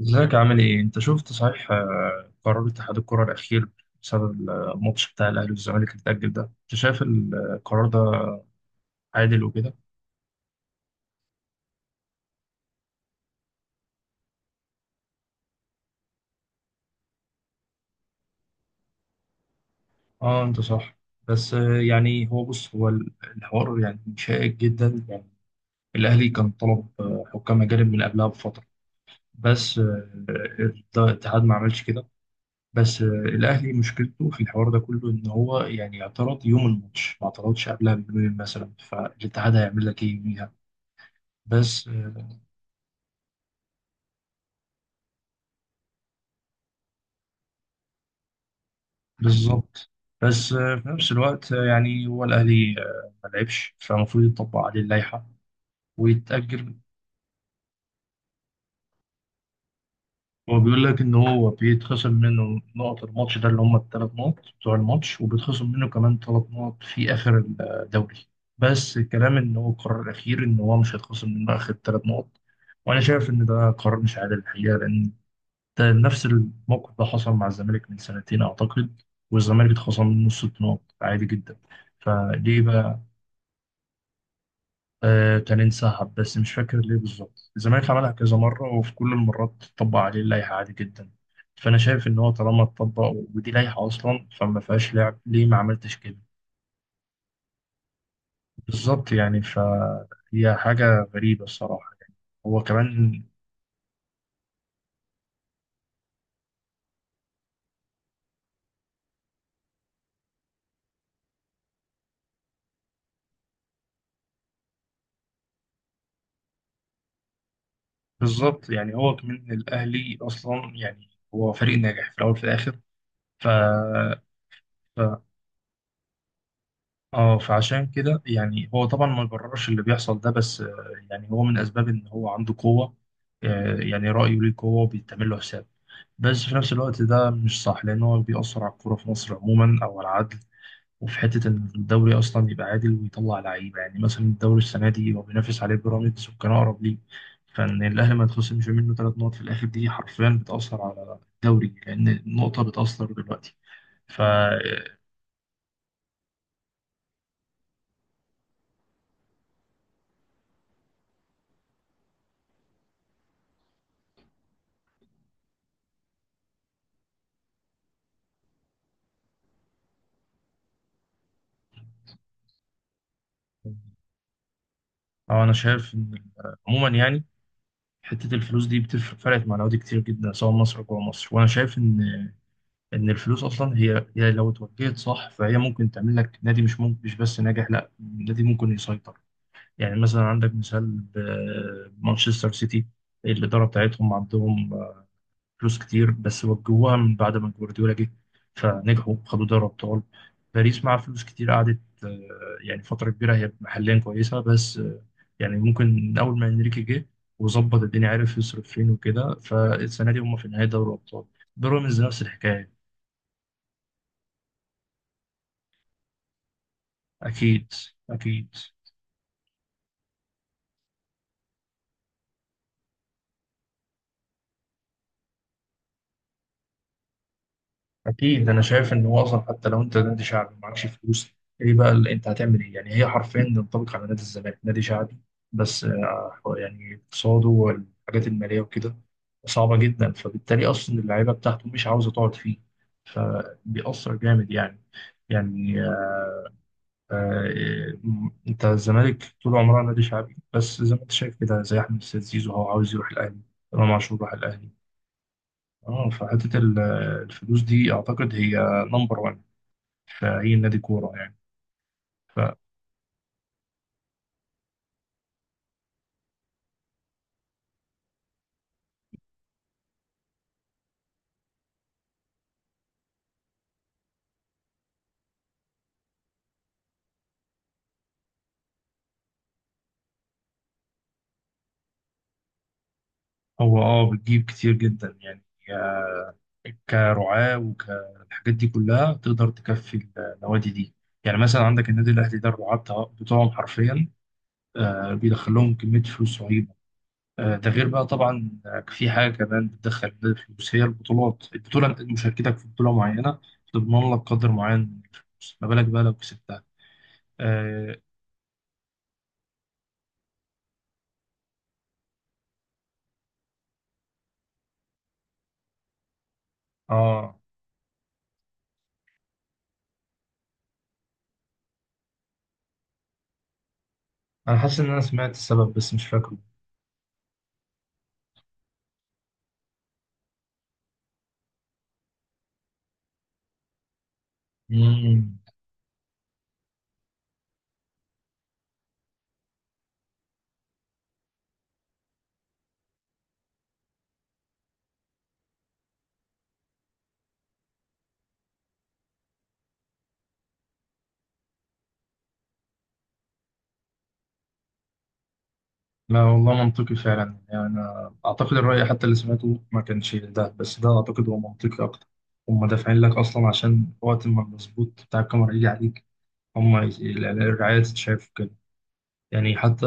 ازيك عامل ايه؟ انت شفت صحيح قرار اتحاد الكرة الأخير بسبب الماتش بتاع الأهلي والزمالك اللي اتأجل ده؟ انت شايف القرار ده عادل وكده؟ اه، انت صح. بس يعني هو بص، هو الحوار يعني شائك جدا. يعني الأهلي كان طلب حكام أجانب من قبلها بفترة، بس الاتحاد ما عملش كده. بس الأهلي مشكلته في الحوار ده كله إن هو يعني اعترض يوم الماتش، ما اعترضش قبلها بيومين مثلا، فالاتحاد هيعمل لك ايه يوميها؟ بس بالظبط. بس في نفس الوقت يعني هو الأهلي ما لعبش، فالمفروض يطبق عليه اللائحة ويتأجل. هو بيقول لك إن هو بيتخصم منه نقط الماتش ده اللي هم الثلاث نقط بتوع الماتش، وبيتخصم منه كمان 3 نقط في آخر الدوري. بس الكلام إن هو القرار الأخير إن هو مش هيتخصم منه آخر 3 نقط، وأنا شايف إن ده قرار مش عادل الحقيقة، لأن ده نفس الموقف ده حصل مع الزمالك من سنتين أعتقد، والزمالك اتخصم منه 6 نقط عادي جدا. فليه بقى؟ آه، كان انسحب بس مش فاكر ليه بالظبط. الزمالك عملها كذا مرة، وفي كل المرات طبق عليه اللائحة عادي جدا. فأنا شايف إن هو طالما اتطبق، ودي لائحة أصلا فما فيهاش لعب، ليه ما عملتش كده؟ بالظبط يعني، فهي حاجة غريبة الصراحة يعني. هو كمان. بالظبط يعني، هو كمان الأهلي أصلا يعني هو فريق ناجح في الأول وفي الآخر. ف... اه، فعشان كده يعني هو طبعا ما يبررش اللي بيحصل ده، بس يعني هو من اسباب ان هو عنده قوه. يعني رايه ليه قوه وبيتعمل له حساب. بس في نفس الوقت ده مش صح، لان هو بيأثر على الكوره في مصر عموما او على العدل، وفي حته ان الدوري اصلا يبقى عادل ويطلع لعيبه. يعني مثلا الدوري السنه دي هو بينافس عليه بيراميدز وكان اقرب ليه، فان الاهلي ما يتخصمش منه 3 نقط في الاخر دي حرفيا بتأثر على الدوري، لان النقطه بتأثر دلوقتي. ف آه، انا شايف ان عموما يعني حتة الفلوس دي بتفرق، فرقت مع الأهلي كتير جدا، سواء مصر أو جوه مصر. وأنا شايف إن الفلوس أصلا هي هي لو اتوجهت صح فهي ممكن تعمل لك نادي، مش ممكن مش بس ناجح، لا نادي ممكن يسيطر. يعني مثلا عندك مثال مانشستر سيتي. الإدارة بتاعتهم عندهم فلوس كتير، بس وجوها من بعد ما جوارديولا جه فنجحوا، خدوا دوري ابطال. باريس مع فلوس كتير قعدت يعني فتره كبيره، هي محليا كويسه، بس يعني ممكن من اول ما انريكي جه وظبط الدنيا، عرف يصرف فين وكده، فالسنه دي هم في نهايه دوري الابطال. بيراميدز نفس الحكايه. اكيد، اكيد، اكيد. انا شايف ان هو اصلا حتى لو انت نادي شعبي ومعكش فلوس، ايه بقى اللي انت هتعمل، ايه يعني؟ هي حرفيا تنطبق على نادي الزمالك، نادي شعبي، بس يعني اقتصاده والحاجات الماليه وكده صعبه جدا، فبالتالي اصلا اللعيبه بتاعته مش عاوزه تقعد فيه، فبيأثر جامد يعني. يعني آه، انت الزمالك طول عمرها نادي شعبي، بس زي ما انت شايف كده، زي احمد السيد زيزو هو عاوز يروح الاهلي، امام عاشور راح الاهلي. اه، فحته الفلوس دي اعتقد هي نمبر 1 في أي نادي كورة يعني. فهو بتجيب كتير جدا يعني، كرعاة وكالحاجات دي كلها تقدر تكفي النوادي دي. يعني مثلا عندك النادي الأهلي ده الرعاة بتوعهم حرفيا بيدخل لهم كمية فلوس رهيبة. ده غير بقى طبعا في حاجة كمان بتدخل النادي فلوس، هي البطولات. البطولة مشاركتك في بطولة معينة تضمن لك قدر معين من الفلوس، ما بالك بقى لو كسبتها؟ اه. آه، انا حاسس ان انا سمعت السبب بس مش فاكره. لا والله منطقي فعلا، يعني أنا أعتقد الرأي حتى اللي سمعته ما كانش ده، بس ده أعتقد هو منطقي أكتر. هم دافعين لك أصلا عشان وقت ما المظبوط بتاع الكاميرا يجي عليك، هم الرعاية تتشاف كده. يعني حتى.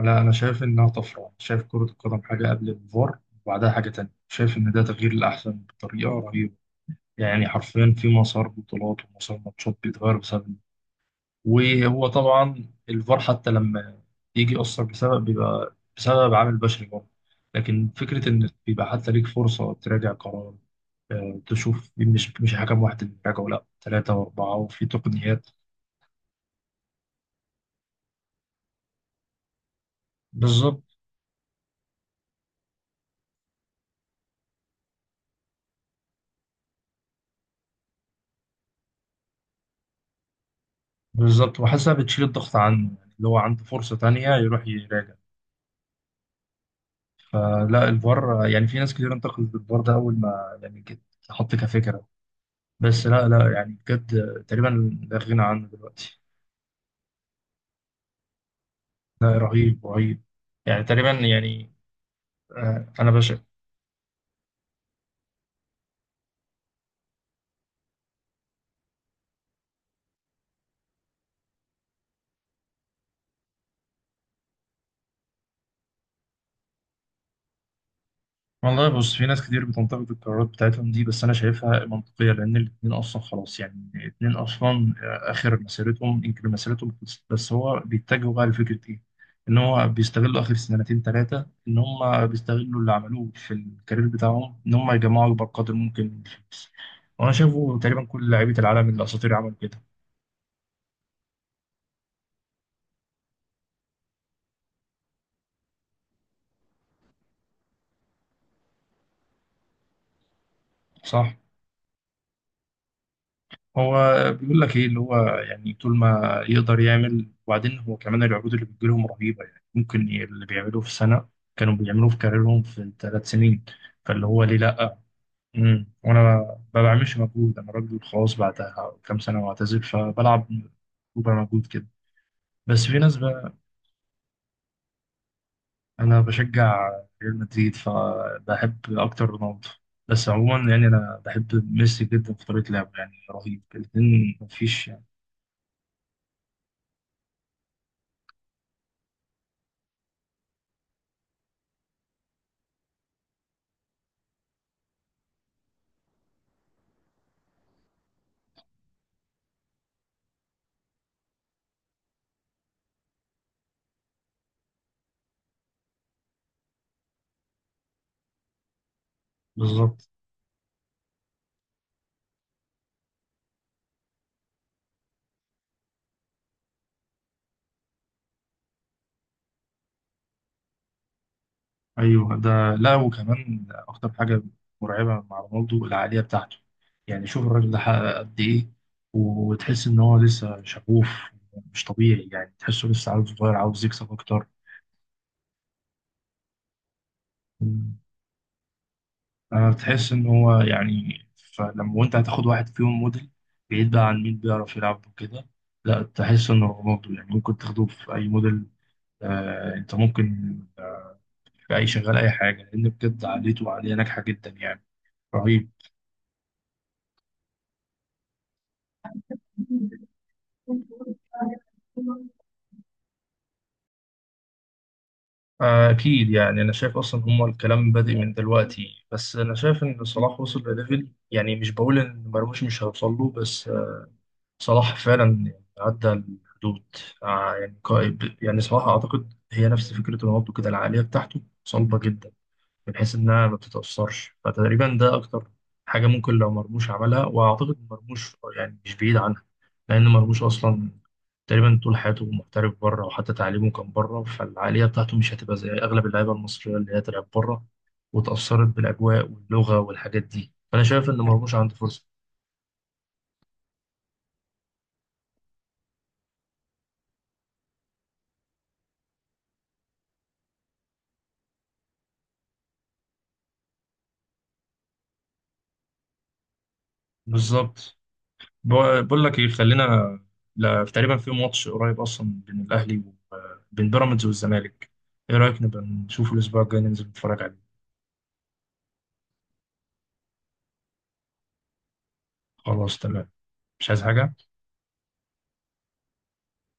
لا، أنا شايف إنها طفرة، شايف كرة القدم حاجة قبل الفار وبعدها حاجة تانية. شايف إن ده تغيير الأحسن بطريقة رهيبة. يعني حرفيا في مسار بطولات ومسار ماتشات بيتغير بسبب. وهو طبعا الفار حتى لما يجي يأثر بسبب بيبقى بسبب عامل بشري برضه. لكن فكرة إن بيبقى حتى ليك فرصة تراجع قرار، تشوف مش حكم واحد اللي بيراجعه، لا ثلاثة وأربعة وفي تقنيات. بالظبط. بالظبط، وحاسسها بتشيل الضغط عنه يعني، اللي هو عنده فرصة تانية يروح يراجع. فلا الفار يعني، في ناس كتير انتقدت الفار ده أول ما يعني اتحط كفكرة. بس لا، لا يعني بجد، تقريبا لا غنى عنه دلوقتي. لا، رهيب، رهيب. يعني تقريبا يعني، انا بشع. والله بص، في ناس كتير بتنتقد القرارات بتاعتهم دي، بس انا شايفها منطقيه، لان الاتنين اصلا خلاص يعني. الاتنين اصلا اخر مسيرتهم، يمكن مسيرتهم خلصت، بس هو بيتجهوا بقى لفكره ايه؟ ان هو بيستغلوا اخر سنتين ثلاثه، ان هم بيستغلوا اللي عملوه في الكارير بتاعهم، ان هم يجمعوا اكبر قدر ممكن من الفلوس. وانا شايفه تقريبا كل لعيبه العالم الاساطير عملوا كده. صح. هو بيقول لك ايه اللي هو، يعني طول ما يقدر يعمل. وبعدين هو كمان العروض اللي بتجيلهم رهيبة، يعني ممكن اللي بيعملوه في سنة كانوا بيعملوه في كاريرهم في 3 سنين، فاللي هو ليه لأ؟ وانا ما بعملش مجهود، انا راجل خلاص بعدها كام سنة واعتزل، فبلعب ربع مجهود كده. بس في ناس بقى. انا بشجع ريال مدريد، فبحب اكتر رونالدو. بس عموما يعني انا بحب ميسي جدا في طريقة لعبه، يعني رهيب الاتنين، مفيش يعني. بالظبط. ايوه، ده لا وكمان اكتر حاجه مرعبه مع رونالدو العقليه بتاعته. يعني شوف الراجل ده حقق قد ايه، وتحس ان هو لسه شغوف. مش طبيعي، يعني تحسه لسه عاوز، صغير عاوز يكسب اكتر. مم. انا بتحس ان هو يعني، فلما وانت هتاخد واحد فيهم موديل، بعيد بقى عن مين بيعرف يلعب وكده، لا تحس ان رونالدو يعني ممكن تاخده في اي موديل. انت ممكن في اي شغال، اي حاجه، لان بجد عقليته عقليه ناجحه جدا يعني. رهيب. أكيد يعني. أنا شايف أصلا هما الكلام بادئ من دلوقتي، بس أنا شايف إن صلاح وصل لليفل، يعني مش بقول إن مرموش مش هيوصل له، بس صلاح فعلا عدى الحدود. يعني يعني صلاح أعتقد هي نفس فكرة رونالدو كده، العقلية بتاعته صلبة جدا، بحيث انها ما بتتأثرش، فتقريبا ده اكتر حاجة ممكن لو مرموش عملها. واعتقد مرموش يعني مش بعيد عنها، لان مرموش اصلا تقريبا طول حياته محترف بره، وحتى تعليمه كان بره، فالعقلية بتاعته مش هتبقى زي اغلب اللعيبة المصرية اللي هي تلعب بره وتأثرت بالاجواء واللغة والحاجات دي. فانا شايف ان مرموش عنده فرصة. بالظبط. بقول لك ايه، خلينا، لا تقريبا في ماتش قريب اصلا بين الاهلي وبين بيراميدز والزمالك، ايه رايك نبقى نشوف الاسبوع الجاي ننزل نتفرج عليه؟ خلاص تمام. مش عايز حاجة.